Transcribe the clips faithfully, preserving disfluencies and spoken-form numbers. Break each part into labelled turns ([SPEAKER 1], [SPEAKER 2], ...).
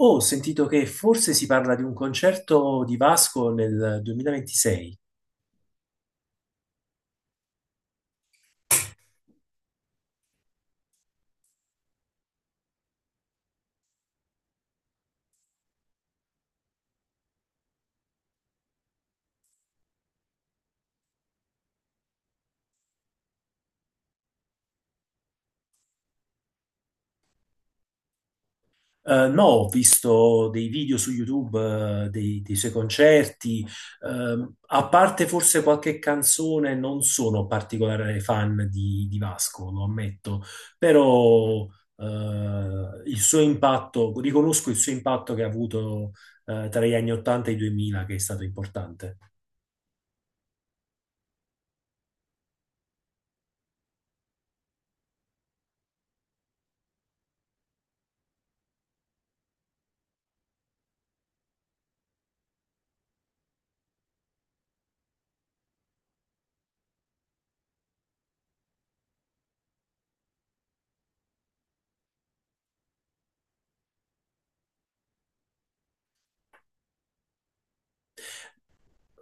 [SPEAKER 1] Oh, ho sentito che forse si parla di un concerto di Vasco nel duemilaventisei. Eh, no, ho visto dei video su YouTube, eh, dei, dei suoi concerti. Ehm, a parte forse qualche canzone, non sono particolare fan di, di Vasco, lo ammetto, però eh, il suo impatto, riconosco il suo impatto che ha avuto eh, tra gli anni ottanta e i duemila, che è stato importante.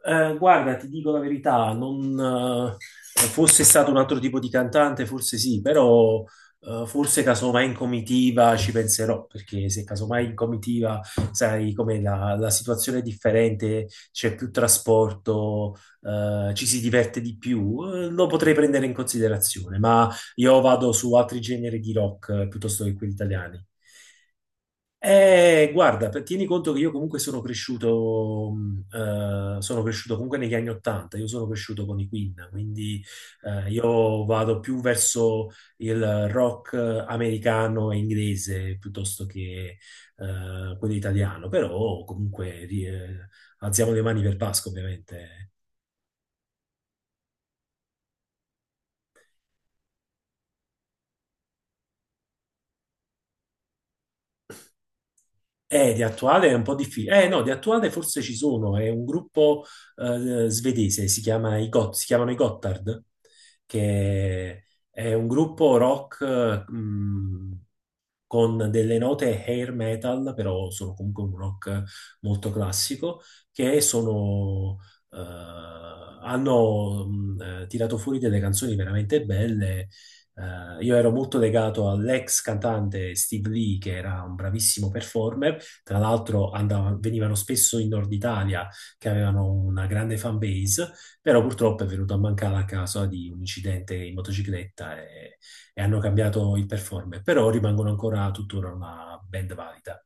[SPEAKER 1] Eh, guarda, ti dico la verità, non, eh, fosse stato un altro tipo di cantante, forse sì, però eh, forse casomai in comitiva ci penserò, perché se casomai in comitiva, sai com'è, la, la situazione è differente, c'è più trasporto, eh, ci si diverte di più, eh, lo potrei prendere in considerazione, ma io vado su altri generi di rock eh, piuttosto che quelli italiani. Eh, guarda, per- tieni conto che io comunque sono cresciuto, mh, eh, sono cresciuto comunque negli anni Ottanta, io sono cresciuto con i Queen, quindi eh, io vado più verso il rock eh, americano e inglese piuttosto che eh, quello italiano, però comunque ri- eh, alziamo le mani per Pasqua, ovviamente. Eh, di attuale è un po' difficile. Eh, no, di attuale forse ci sono. È un gruppo eh, svedese, si chiama i Got- si chiamano i Gotthard, che è un gruppo rock, con delle note hair metal, però sono comunque un rock molto classico, che sono, eh, hanno mh, eh, tirato fuori delle canzoni veramente belle. Eh, io ero molto legato all'ex cantante Steve Lee, che era un bravissimo performer. Tra l'altro andava- venivano spesso in Nord Italia, che avevano una grande fan base, però purtroppo è venuto a mancare a causa di un incidente in motocicletta e e hanno cambiato il performer, però rimangono ancora tuttora una band valida.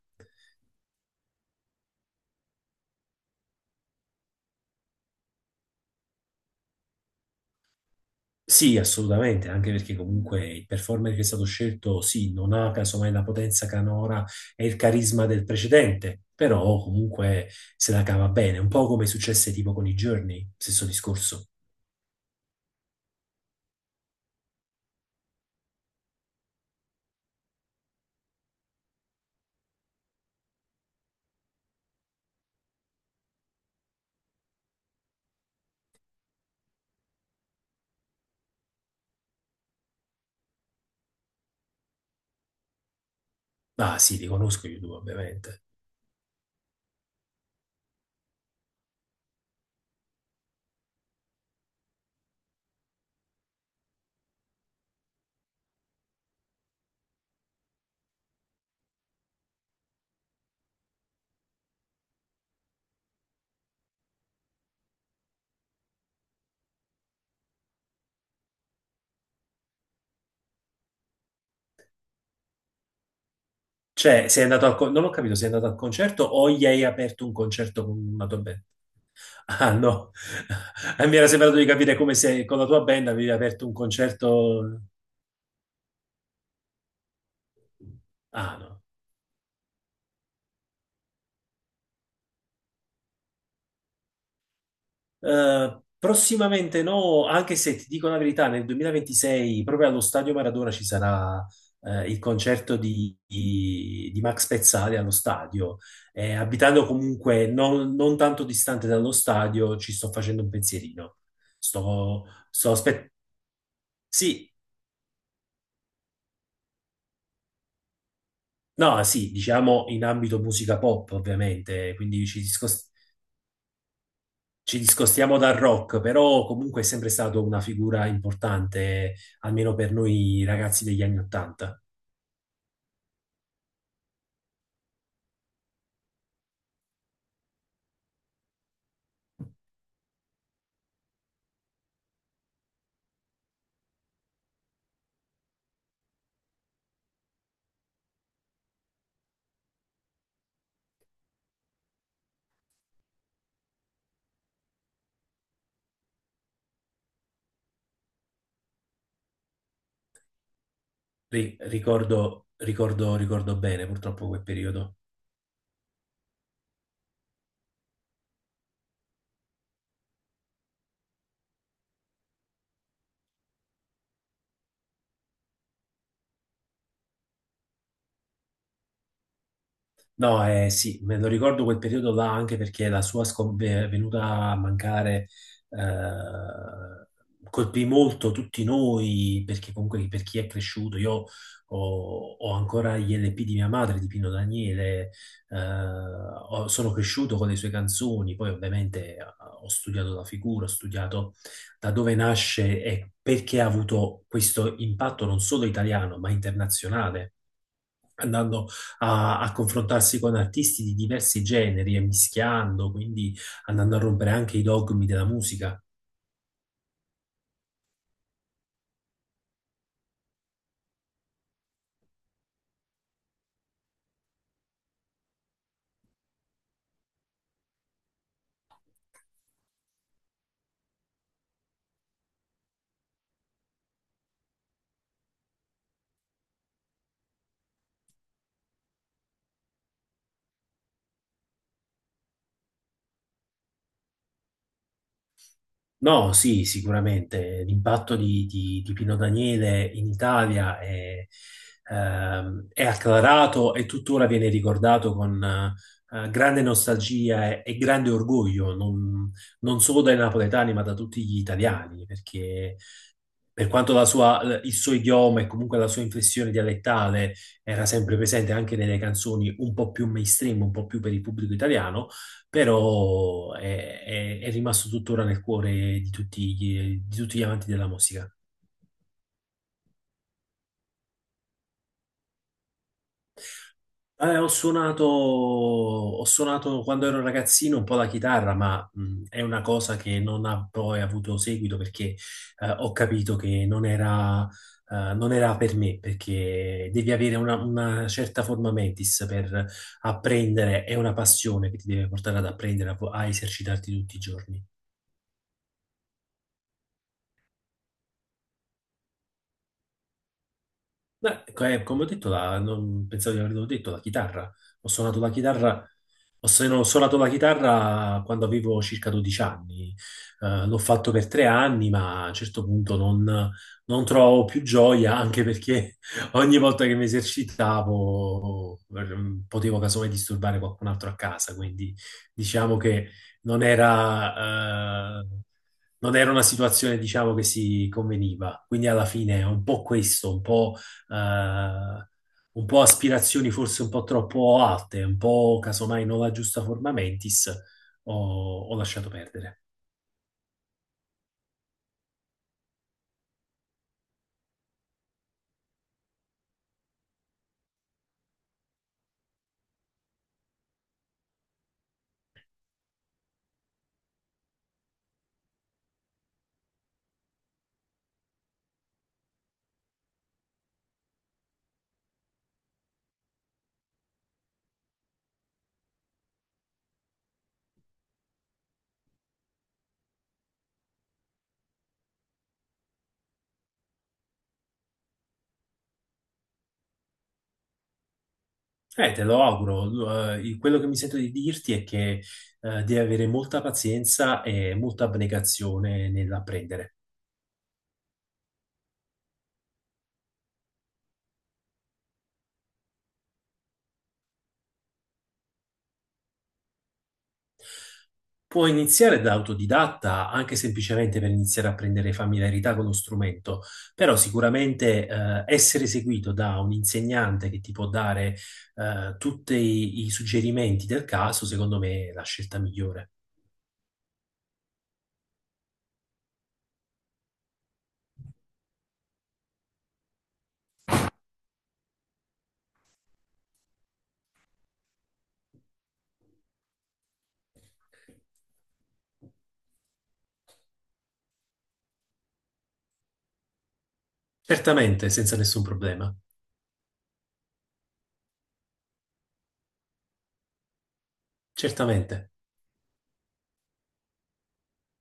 [SPEAKER 1] Sì, assolutamente, anche perché comunque il performer che è stato scelto, sì, non ha casomai la potenza canora e il carisma del precedente, però comunque se la cava bene, un po' come successe tipo con i Journey, stesso discorso. Ah sì, li conosco io due, ovviamente. Cioè, sei andato al con- non ho capito, sei andato al concerto o gli hai aperto un concerto con una tua band? Ah, no. Eh, mi era sembrato di capire come se con la tua band avevi aperto un concerto. Ah, no. Eh, prossimamente no, anche se ti dico la verità, nel duemilaventisei proprio allo Stadio Maradona ci sarà eh, il concerto di, di- di Max Pezzali allo stadio. Eh, abitando comunque non, non tanto distante dallo stadio, ci sto facendo un pensierino. Sto, sto aspettando. Sì, no, sì, diciamo in ambito musica pop, ovviamente, quindi ci discostiamo ci discostiamo dal rock, però comunque è sempre stato una figura importante, almeno per noi ragazzi degli anni Ottanta. Ri- ricordo, ricordo, ricordo bene purtroppo quel periodo. No, eh, sì, me lo ricordo quel periodo là anche perché la sua scom- ve- venuta a mancare eh, colpì molto tutti noi, perché comunque per chi è cresciuto, io ho, ho ancora gli L P di mia madre, di Pino Daniele, eh, ho- sono cresciuto con le sue canzoni, poi ovviamente eh, ho studiato la figura, ho studiato da dove nasce e perché ha avuto questo impatto non solo italiano, ma internazionale andando a, a confrontarsi con artisti di diversi generi e mischiando, quindi andando a rompere anche i dogmi della musica. No, sì, sicuramente l'impatto di, di- di Pino Daniele in Italia è, ehm, è acclarato e tuttora viene ricordato con eh, grande nostalgia e, e grande orgoglio, non, non solo dai napoletani, ma da tutti gli italiani, perché per quanto la sua- eh, il suo idioma e comunque la sua inflessione dialettale era sempre presente anche nelle canzoni un po' più mainstream, un po' più per il pubblico italiano, però è, è- è rimasto tuttora nel cuore di tutti gli, di tutti gli amanti della musica. Eh, ho suonato, ho suonato quando ero ragazzino un po' la chitarra, ma mh, è una cosa che non ha poi avuto seguito perché eh, ho capito che non era, eh, non era per me, perché devi avere una, una certa forma mentis per apprendere, è una passione che ti deve portare ad apprendere, a, a esercitarti tutti i giorni. Beh, ecco, eh, come ho detto, la- non pensavo di averlo detto, la chitarra. Ho suonato la chitarra. Ho, se- no, Ho suonato la chitarra quando avevo circa dodici anni. Eh, l'ho fatto per tre anni, ma a un certo punto non, non trovavo più gioia, anche perché ogni volta che mi esercitavo eh, potevo casomai disturbare qualcun altro a casa, quindi diciamo che non era... eh, non era una situazione, diciamo, che si conveniva. Quindi alla fine è un po' questo, un po' eh, un po' aspirazioni forse un po' troppo alte, un po' casomai non la giusta forma mentis, ho, ho lasciato perdere. Eh, te lo auguro. Eh, quello che mi sento di dirti è che eh, devi avere molta pazienza e molta abnegazione nell'apprendere. Puoi iniziare da autodidatta, anche semplicemente per iniziare a prendere familiarità con lo strumento, però sicuramente eh, essere seguito da un insegnante che ti può dare eh, tutti i, i suggerimenti del caso, secondo me è la scelta migliore. Certamente, senza nessun problema. Certamente.